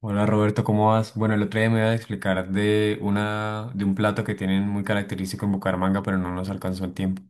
Hola Roberto, ¿cómo vas? Bueno, el otro día me iba a explicar de una, de un plato que tienen muy característico en Bucaramanga, pero no nos alcanzó el tiempo.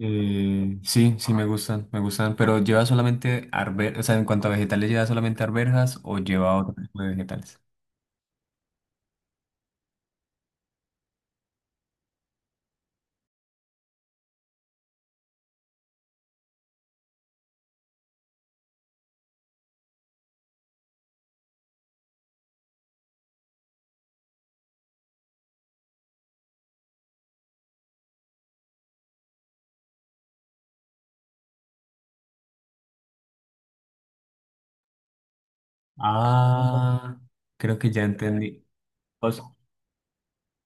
Sí, sí me gustan, pero lleva solamente arvejas, o sea, en cuanto a vegetales, ¿lleva solamente arvejas o lleva otro tipo de vegetales? Ah, creo que ya entendí. O sea,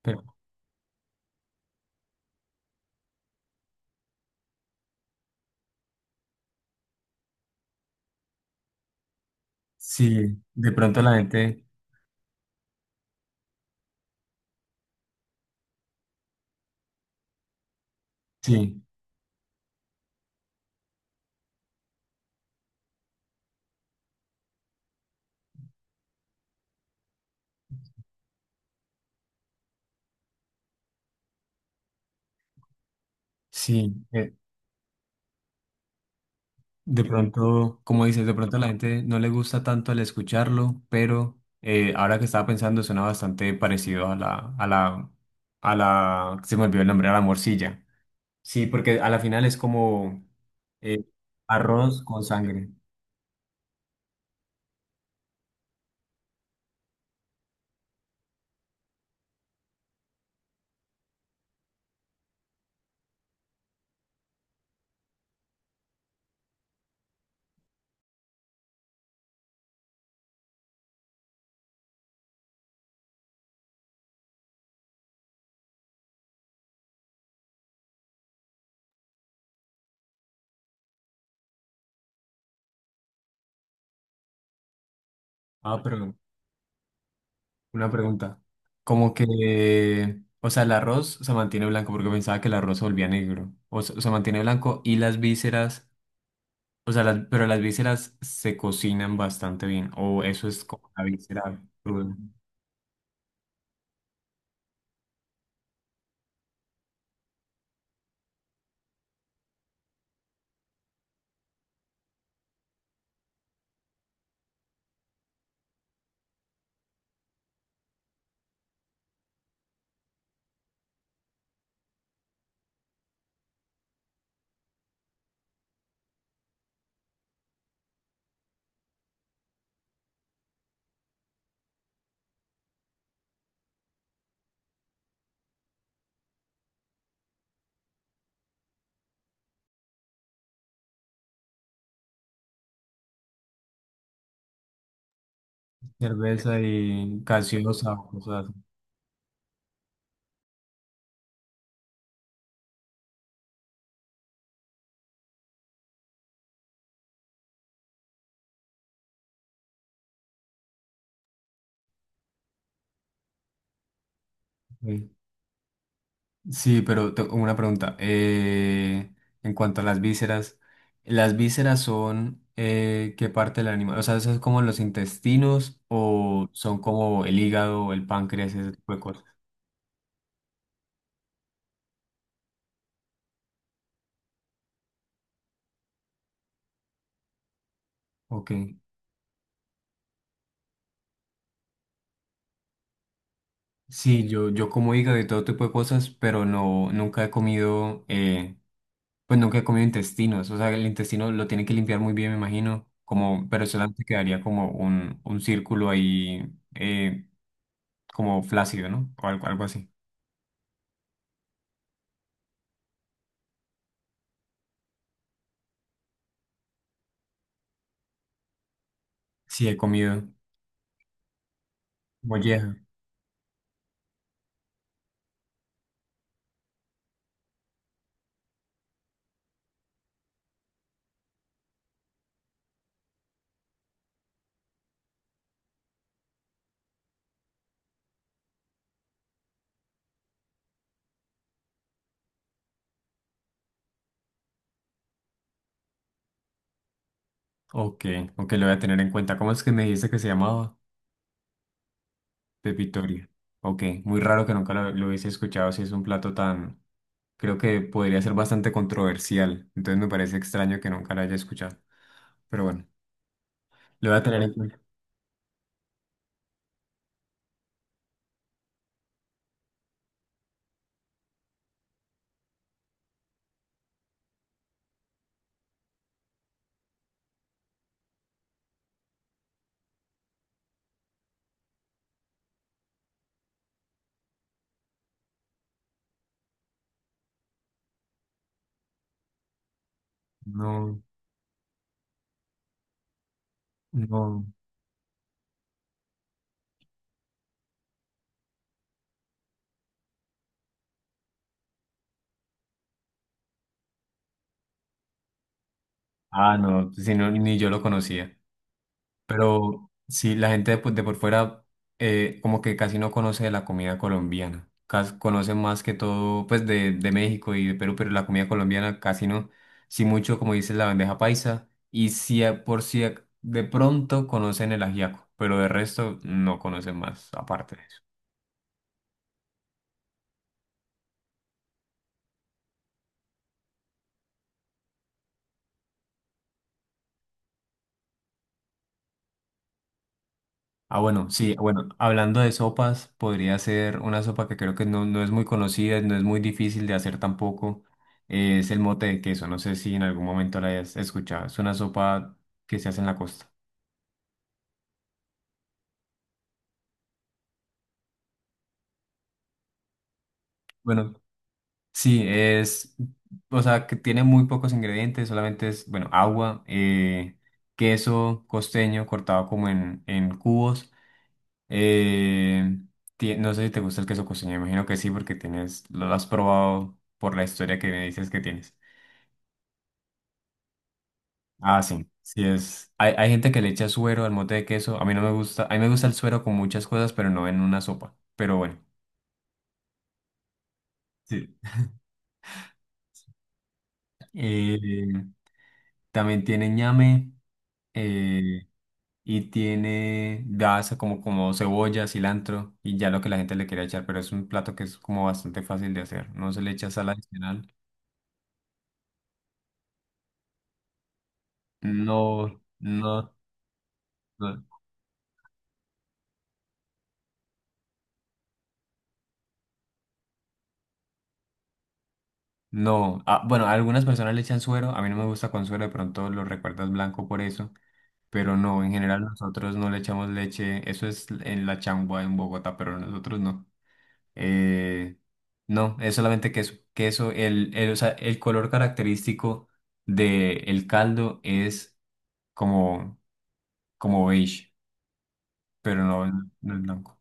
pero sí, de pronto la gente, sí, sí. De pronto, como dices, de pronto a la gente no le gusta tanto el escucharlo, pero ahora que estaba pensando suena bastante parecido a la, a la, a la, se me olvidó el nombre, a la morcilla. Sí, porque a la final es como eh, arroz con sangre. Ah, pero una pregunta. Como que, o sea, el arroz se mantiene blanco porque pensaba que el arroz se volvía negro. O se mantiene blanco y las vísceras. O sea, las- pero las vísceras se cocinan bastante bien. O eso es como la víscera cruda. Cerveza y gaseosa o cosas así. Sí, pero tengo una pregunta. En cuanto a ¿las vísceras son qué parte del animal? O sea, ¿eso es como los intestinos o son como el hígado, el páncreas, ese tipo de cosas? Ok. Sí, yo como hígado y todo tipo de cosas, pero no, nunca he comido. Pues nunca he comido intestinos, o sea, el intestino lo tiene que limpiar muy bien, me imagino, como, pero solamente quedaría como un círculo ahí, eh, como flácido, ¿no? O algo, algo así. Sí, he comido molleja. Ok, ok, lo voy a tener en cuenta. ¿Cómo es que me dijiste que se llamaba? Pepitoria. Ok, muy raro que nunca lo, lo hubiese escuchado, si es un plato tan, creo que podría ser bastante controversial, entonces me parece extraño que nunca lo haya escuchado, pero bueno, lo voy a tener en cuenta. No, no. Ah, no, si no, ni yo lo conocía. Pero sí, la gente de por fuera como que casi no conoce de la comida colombiana. Cas- conoce más que todo pues de México y de Perú, pero la comida colombiana casi no. Sí mucho, como dices, la bandeja paisa. Y sí, a- por si ac- de pronto conocen el ajiaco, pero de resto no conocen más aparte. Ah, bueno, sí, bueno, hablando de sopas, podría ser una sopa que creo que no, no es muy conocida, no es muy difícil de hacer tampoco. Es el mote de queso, no sé si en algún momento la hayas escuchado. Es una sopa que se hace en la costa. Bueno, sí, es, o sea, que tiene muy pocos ingredientes, solamente es, bueno, agua, queso costeño cortado como en cubos. eh, ti- no sé si te gusta el queso costeño, imagino que sí, porque tienes, lo has probado por la historia que me dices que tienes. Ah, sí, sí es. Hay gente que le echa suero al mote de queso. A mí no me gusta. A mí me gusta el suero con muchas cosas, pero no en una sopa. Pero bueno, sí. Eh, también tiene ñame eh, y tiene gasa como, como cebolla, cilantro y ya lo que la gente le quiera echar. Pero es un plato que es como bastante fácil de hacer. No se le echa sal adicional. No, no, no. No, ah, bueno, a algunas personas le echan suero, a mí no me gusta con suero, de pronto lo recuerdas blanco por eso. Pero no, en general nosotros no le echamos leche. Eso es en la changua en Bogotá, pero nosotros no. Eh, no, es solamente queso. Queso, el, o sea, el color característico del caldo es como, como beige, pero no, no es blanco.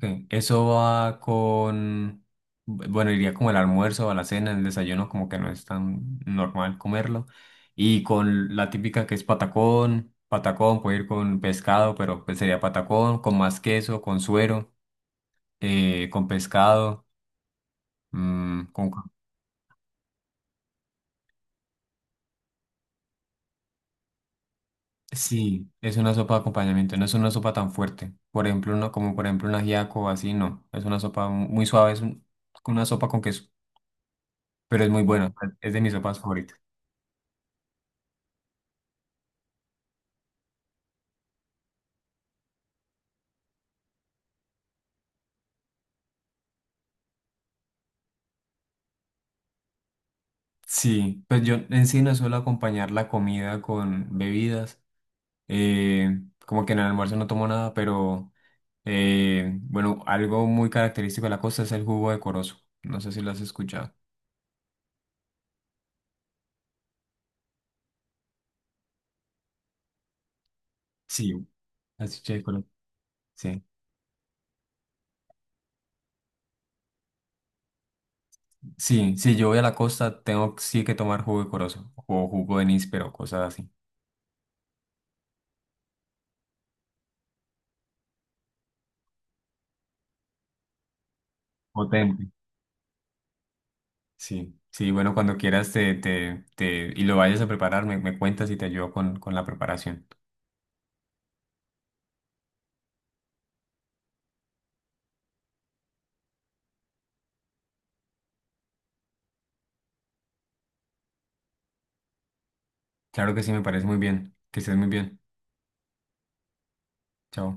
Sí, eso va con, bueno, iría como el almuerzo, a la cena, el desayuno, como que no es tan normal comerlo. Y con la típica que es patacón, patacón puede ir con pescado, pero pues sería patacón, con más queso, con suero, con pescado, mm, con... Sí, es una sopa de acompañamiento, no es una sopa tan fuerte. Por ejemplo, uno, como por ejemplo un ajiaco o así, no. Es una sopa mu- muy suave, es un- una sopa con queso, pero es muy buena, es de mis sopas favoritas. Sí, pues yo en sí no suelo acompañar la comida con bebidas. eh, Como que en el almuerzo no tomo nada, pero bueno, algo muy característico de la costa es el jugo de corozo. No sé si lo has escuchado. Sí, así que coro- Sí, sí, si yo voy a la costa, tengo sí que tomar jugo de corozo o jugo de níspero, cosas así. Potente. Sí, sí, bueno, cuando quieras te, te, te, y lo vayas a preparar, me cuentas y te ayudo con la preparación. Claro que sí, me parece muy bien. Que estés muy bien. Chao.